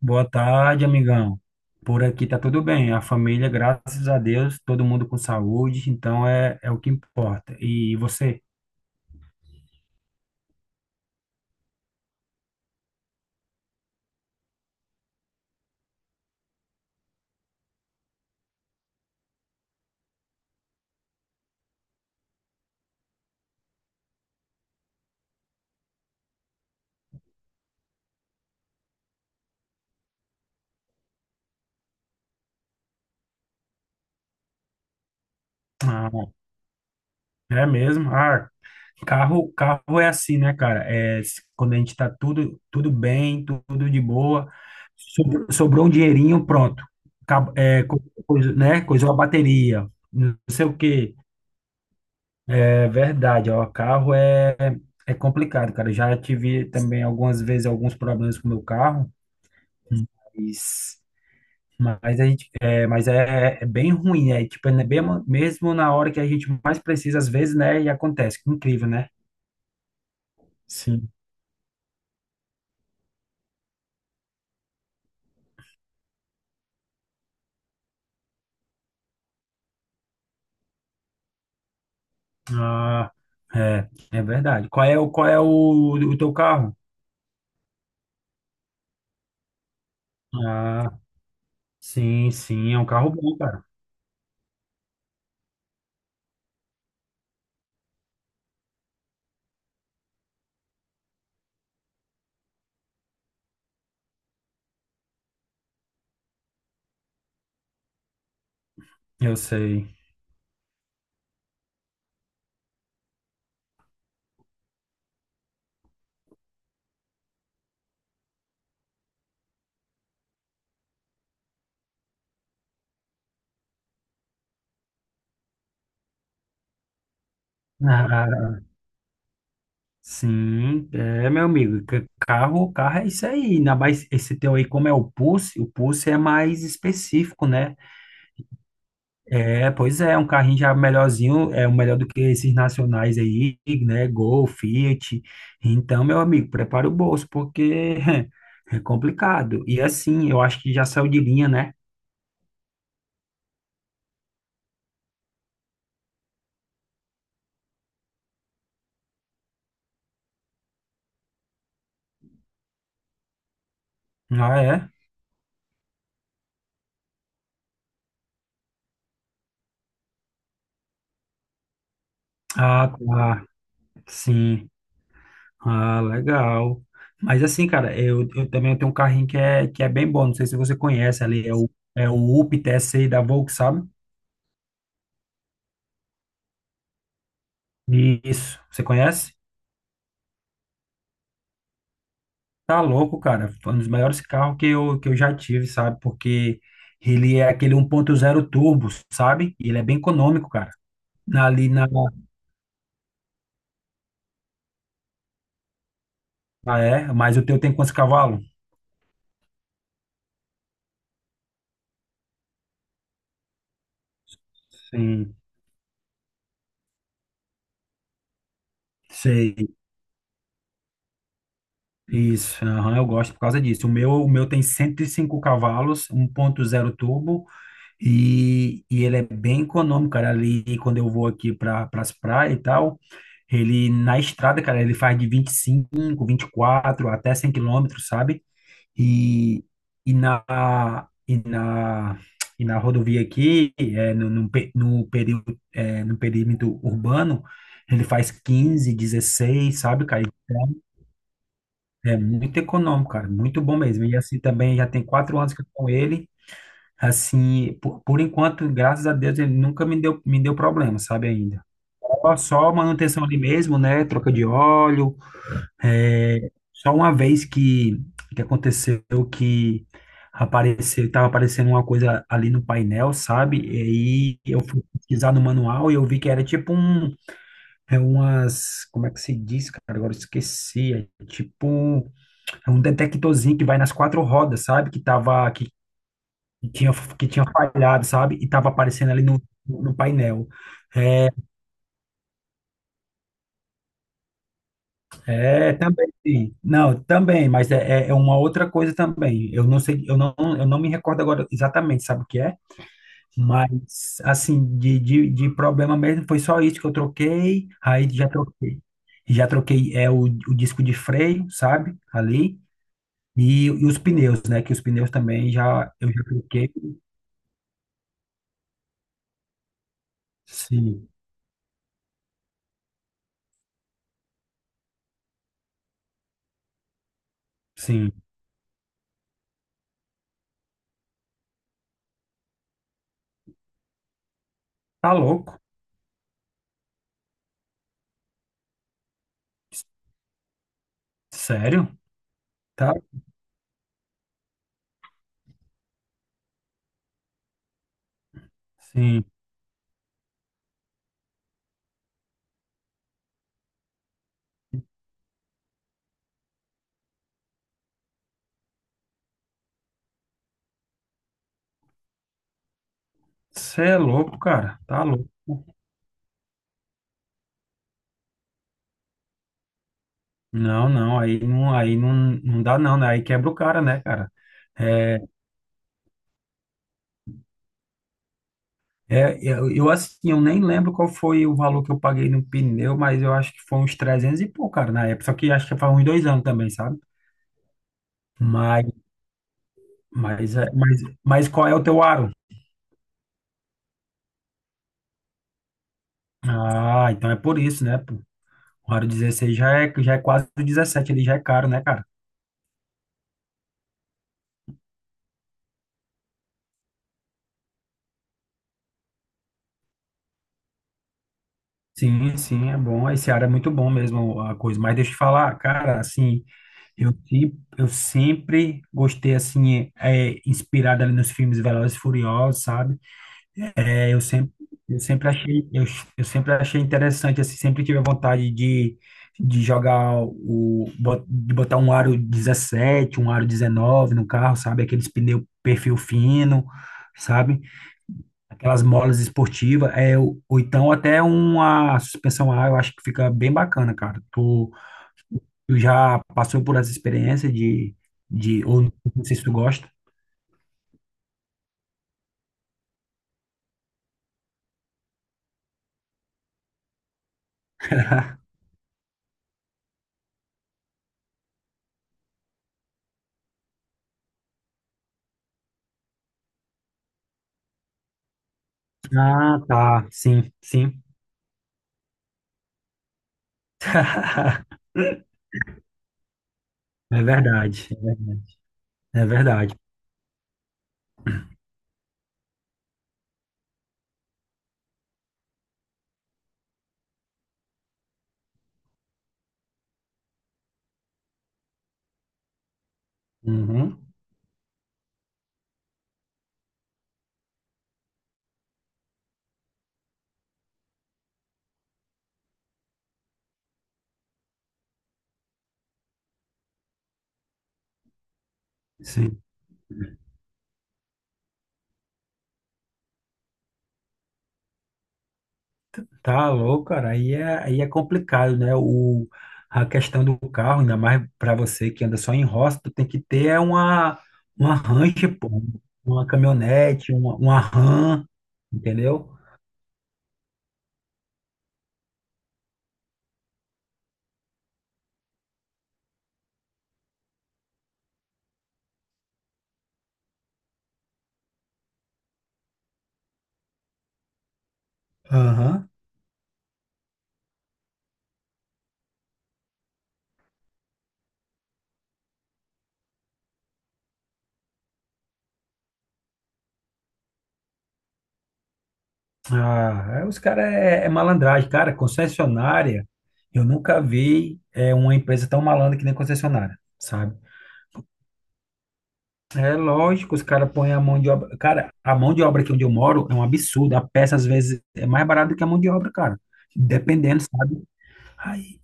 Boa tarde, amigão. Por aqui tá tudo bem. A família, graças a Deus, todo mundo com saúde, então é o que importa. E você? Ah, é mesmo? Ah, carro é assim, né, cara? É, quando a gente tá tudo bem, tudo de boa, sobrou um dinheirinho, pronto. Acab- É, co- Coisa, né? Coisou a bateria, não sei o quê. É verdade, ó, é complicado, cara. Já tive também algumas vezes alguns problemas com o meu carro. Mas, mas a gente, é bem ruim, né? Tipo, é bem, mesmo na hora que a gente mais precisa, às vezes, né? E acontece. Que incrível, né? Sim. Ah, é, é verdade. O teu carro? Ah, sim, sim, é um carro bom, cara. Eu sei. Ah, sim, é, meu amigo. Carro é isso aí. Ainda mais esse teu aí, como é o Pulse é mais específico, né? É, pois é, um carrinho já melhorzinho, é o melhor do que esses nacionais aí, né? Gol, Fiat. Então, meu amigo, prepara o bolso, porque é complicado. E assim, eu acho que já saiu de linha, né? Ah, é? Ah, tá. Sim. Ah, legal. Mas assim, cara, eu também tenho um carrinho que é bem bom. Não sei se você conhece ali, é o Up T TSI da Volks, sabe? Isso. Você conhece? Tá louco, cara. Foi um dos maiores carros que que eu já tive, sabe? Porque ele é aquele um ponto zero turbo, sabe? E ele é bem econômico, cara. Na- Ali na. Ah, é? Mas o teu tem quantos cavalos? Sim, sei. Isso. Aham, eu gosto por causa disso. O meu tem 105 cavalos, um ponto zero turbo. E ele é bem econômico, cara. Ali, quando eu vou aqui para as praias e tal. Ele na estrada, cara, ele faz de 25, quatro até 100 km, sabe? E, e na, e na, e na rodovia aqui, é, período, é, no perímetro urbano, ele faz 15, 16 sabe, cara? É muito econômico, cara, muito bom mesmo. E assim também já tem 4 anos que eu tô com ele. Assim, por enquanto, graças a Deus, ele nunca me deu problema, sabe, ainda. Só manutenção ali mesmo, né? Troca de óleo, é, só uma vez que aconteceu que apareceu, estava aparecendo uma coisa ali no painel, sabe? E aí eu fui pesquisar no manual e eu vi que era tipo um, é umas, como é que se diz, cara? Agora eu esqueci. É tipo, é um detectorzinho que vai nas quatro rodas, sabe? Que tava, que tinha, que tinha falhado, sabe? E tava aparecendo ali no painel. É, também, sim. Não, também, mas é, é é uma outra coisa também. Eu não sei, eu não me recordo agora exatamente, sabe o que é? Mas, assim, de problema mesmo, foi só isso que eu troquei, aí já troquei. Já troquei é, o disco de freio, sabe? Ali, e os pneus, né? Que os pneus também já, eu já troquei. Sim, sim. Tá louco? Sério? Tá? Sim. Você é louco, cara. Tá louco. Não, não, aí não, aí não, não dá não, né? Aí quebra o cara, né, cara? É, eu, assim, eu nem lembro qual foi o valor que eu paguei no pneu, mas eu acho que foi uns 300 e pouco, cara, na época. Só que acho que faz uns 2 anos também, sabe? Mas, mas qual é o teu aro? Ah, então é por isso, né? Pô? O aro 16 já é quase o 17, ele já é caro, né, cara? Sim, sim, é bom. Esse aro é muito bom mesmo, a coisa. Mas deixa eu te falar, cara, assim. Eu, se- eu sempre gostei, assim, inspirado ali nos filmes Velozes e Furiosos, sabe? É, eu sempre achei, eu sempre achei interessante, assim, sempre tive a vontade de, de botar um aro 17, um aro 19 no carro, sabe? Aqueles pneu perfil fino, sabe? Aquelas molas esportivas, é, ou então até uma suspensão A, eu acho que fica bem bacana, cara. Tu já passou por essa experiência ou não sei se tu gosta. Ah, tá, sim, sim. É verdade, é verdade. É verdade. Uhum, sim. Tá louco, cara. Aí é complicado, né? A questão do carro, ainda mais para você que anda só em roça, tu tem que ter é uma Range, pô, uma caminhonete, uma Ram, entendeu? Aham. Ah, aí os caras é, é malandragem. Cara, concessionária, eu nunca vi é, uma empresa tão malandra que nem concessionária, sabe? É lógico, os caras põem a mão de obra. Cara, a mão de obra aqui onde eu moro é um absurdo. A peça, às vezes, é mais barata do que a mão de obra, cara. Dependendo, sabe? Aí,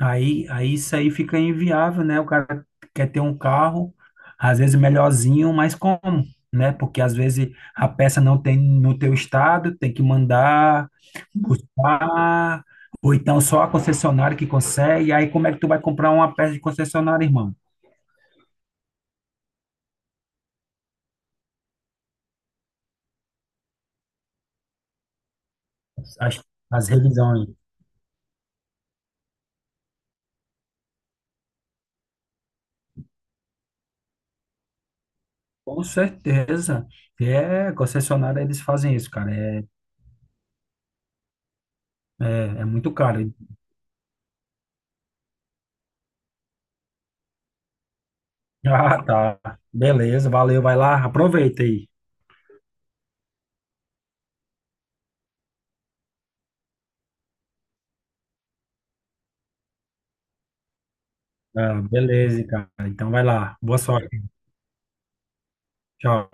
aí isso aí fica inviável, né? O cara quer ter um carro, às vezes melhorzinho, mas como, né? Porque às vezes a peça não tem no teu estado, tem que mandar buscar, ou então só a concessionária que consegue. Aí como é que tu vai comprar uma peça de concessionária, irmão? As, as revisões. Com certeza. É, concessionária, eles fazem isso, cara. É, é muito caro. Ah, tá. Beleza, valeu, vai lá, aproveita aí. Ah, beleza, cara. Então vai lá. Boa sorte. Tchau.